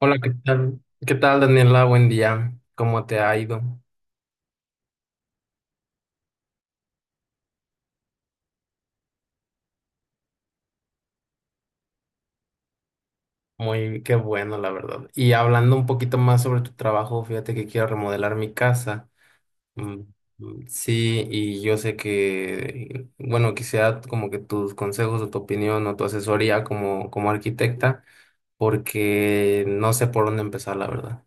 Hola, ¿qué tal? ¿Qué tal, Daniela? Buen día. ¿Cómo te ha ido? Qué bueno, la verdad. Y hablando un poquito más sobre tu trabajo, fíjate que quiero remodelar mi casa. Mm, mm, sí, y yo sé que, bueno, quisiera como que tus consejos o tu opinión o tu asesoría como arquitecta, porque no sé por dónde empezar, la verdad.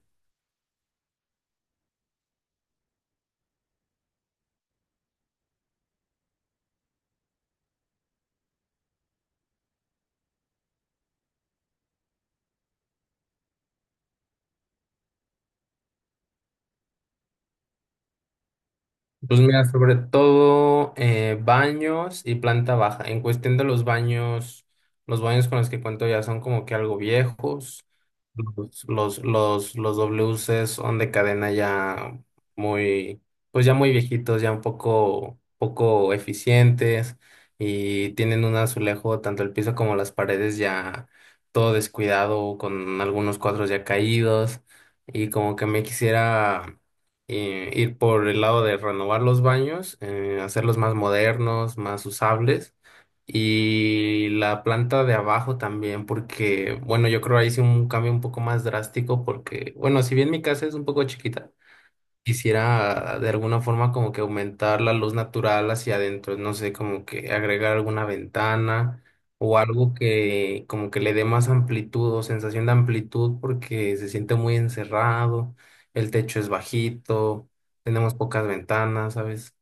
Pues mira, sobre todo baños y planta baja. En cuestión de los baños con los que cuento ya son como que algo viejos. Los WC son de cadena ya muy, pues ya muy viejitos, ya un poco eficientes y tienen un azulejo, tanto el piso como las paredes ya todo descuidado, con algunos cuadros ya caídos y como que me quisiera ir por el lado de renovar los baños, hacerlos más modernos, más usables y la planta de abajo también, porque, bueno, yo creo ahí sí un cambio un poco más drástico, porque, bueno, si bien mi casa es un poco chiquita, quisiera de alguna forma como que aumentar la luz natural hacia adentro, no sé, como que agregar alguna ventana o algo que como que le dé más amplitud o sensación de amplitud, porque se siente muy encerrado, el techo es bajito, tenemos pocas ventanas, ¿sabes?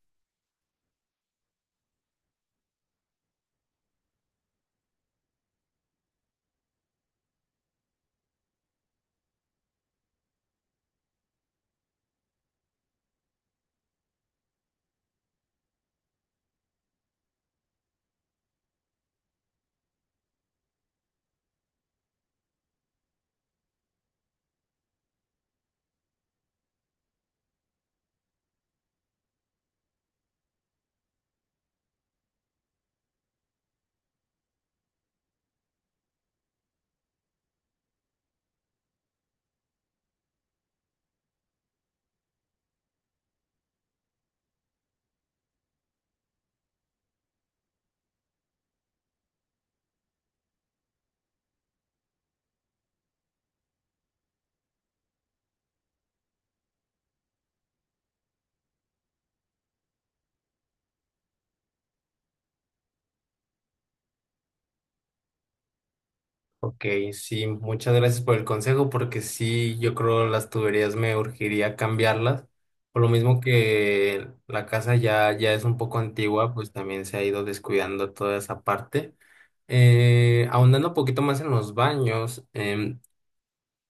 Ok, sí, muchas gracias por el consejo, porque sí, yo creo las tuberías me urgiría cambiarlas. Por lo mismo que la casa ya es un poco antigua, pues también se ha ido descuidando toda esa parte. Ahondando un poquito más en los baños,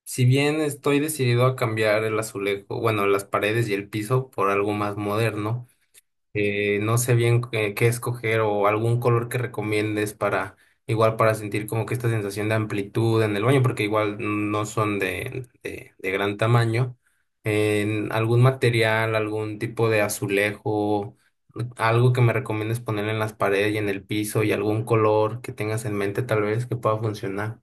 si bien estoy decidido a cambiar el azulejo, bueno, las paredes y el piso por algo más moderno, no sé bien qué escoger o algún color que recomiendes para igual para sentir como que esta sensación de amplitud en el baño, porque igual no son de gran tamaño. En algún material, algún tipo de azulejo, algo que me recomiendes poner en las paredes y en el piso y algún color que tengas en mente tal vez que pueda funcionar.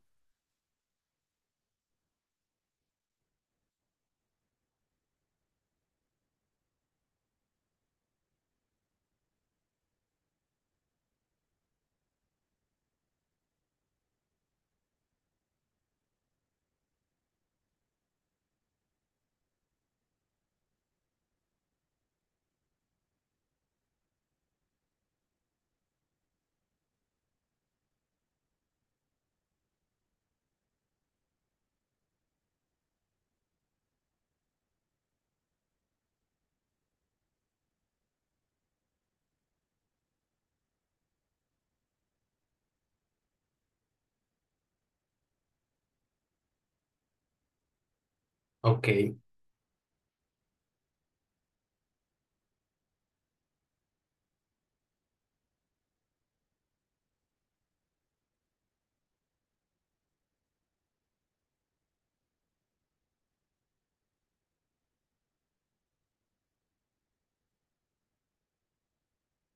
Ok.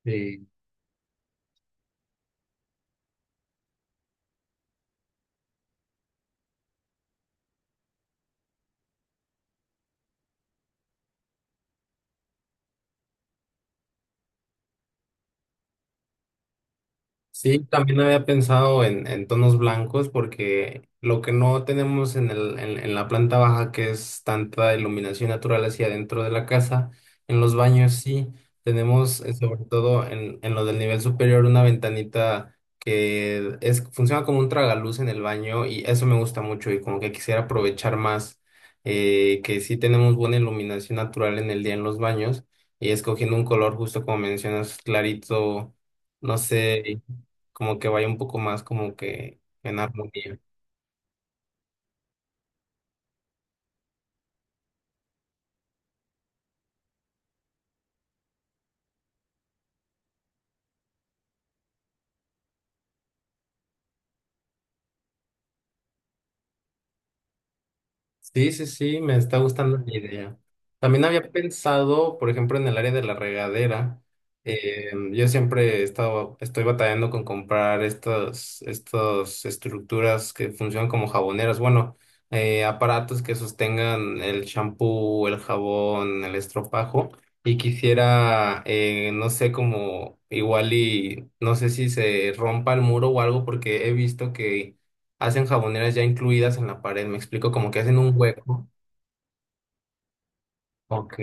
Eh, Sí, también había pensado en, tonos blancos porque lo que no tenemos en la planta baja, que es tanta iluminación natural hacia adentro de la casa, en los baños sí tenemos, sobre todo en lo del nivel superior, una ventanita funciona como un tragaluz en el baño y eso me gusta mucho y como que quisiera aprovechar más que sí tenemos buena iluminación natural en el día en los baños y escogiendo un color justo como mencionas, clarito. No sé, como que vaya un poco más como que en armonía. Sí, sí, sí, me está gustando la idea. También había pensado, por ejemplo, en el área de la regadera. Yo siempre estoy batallando con comprar estas estructuras que funcionan como jaboneras. Bueno, aparatos que sostengan el champú, el jabón, el estropajo. Y quisiera, no sé, como igual y no sé si se rompa el muro o algo, porque he visto que hacen jaboneras ya incluidas en la pared, me explico, como que hacen un hueco. Ok.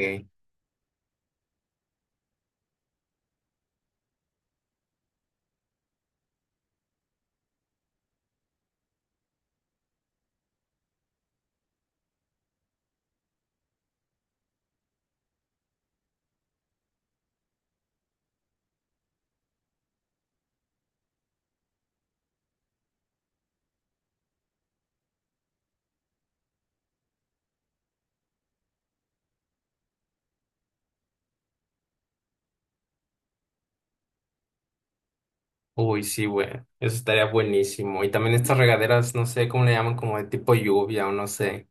Uy, sí, güey. Eso estaría buenísimo. Y también estas regaderas, no sé cómo le llaman, como de tipo lluvia o no sé,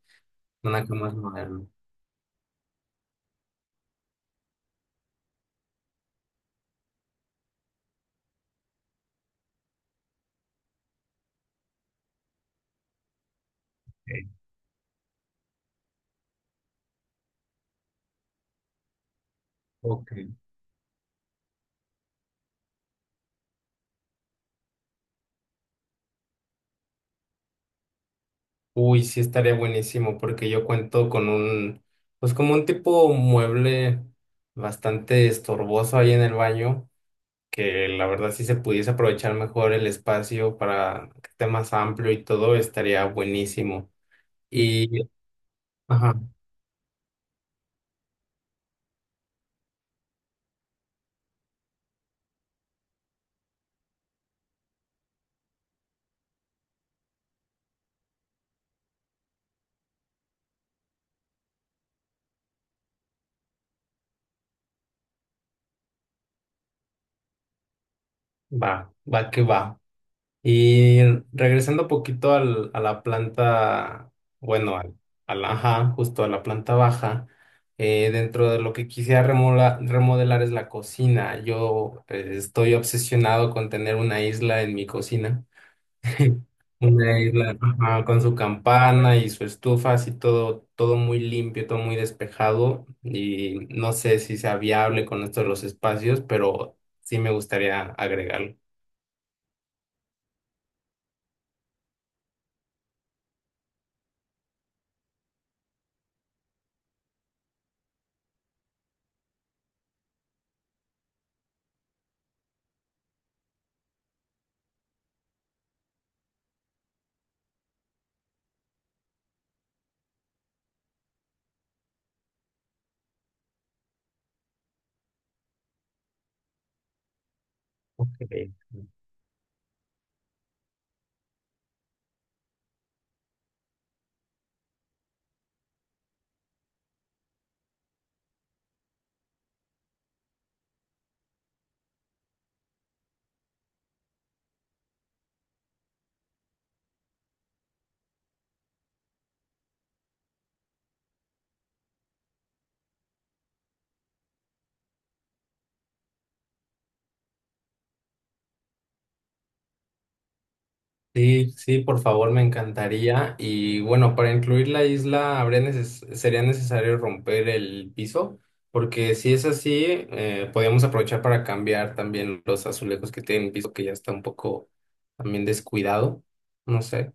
una cosa más moderna. Ok. Ok. Uy, sí estaría buenísimo porque yo cuento con pues como un tipo mueble bastante estorboso ahí en el baño, que la verdad si se pudiese aprovechar mejor el espacio para que esté más amplio y todo, estaría buenísimo. Y, ajá. Va, va que va. Y regresando un poquito a la planta, bueno, ajá, justo a la planta baja, dentro de lo que quisiera remodelar es la cocina. Yo estoy obsesionado con tener una isla en mi cocina. Una isla, ajá, con su campana y su estufa, así todo, todo muy limpio, todo muy despejado. Y no sé si sea viable con esto de los espacios, pero sí me gustaría agregarlo. Ok. Sí, sí, por favor, me encantaría. Y bueno, para incluir la isla habría sería necesario romper el piso, porque si es así, podríamos aprovechar para cambiar también los azulejos que tienen el piso, que ya está un poco también descuidado. No sé.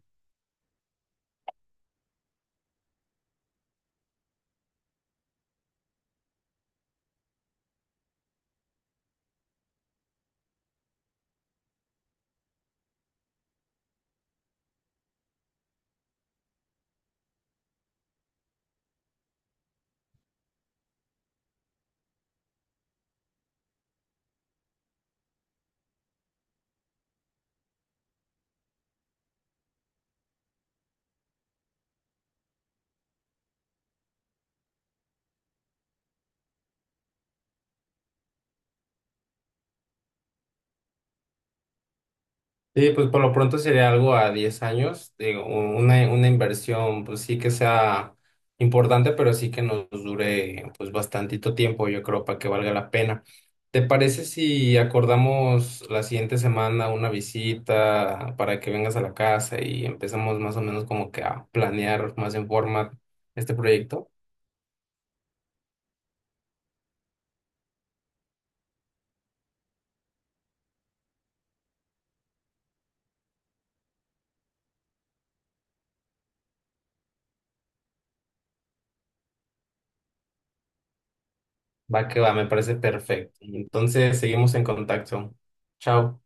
Sí, pues por lo pronto sería algo a 10 años, digo, una inversión, pues sí que sea importante, pero sí que nos dure pues bastantito tiempo, yo creo, para que valga la pena. ¿Te parece si acordamos la siguiente semana una visita para que vengas a la casa y empezamos más o menos como que a planear más en forma este proyecto? Va que va, me parece perfecto. Entonces, seguimos en contacto. Chao.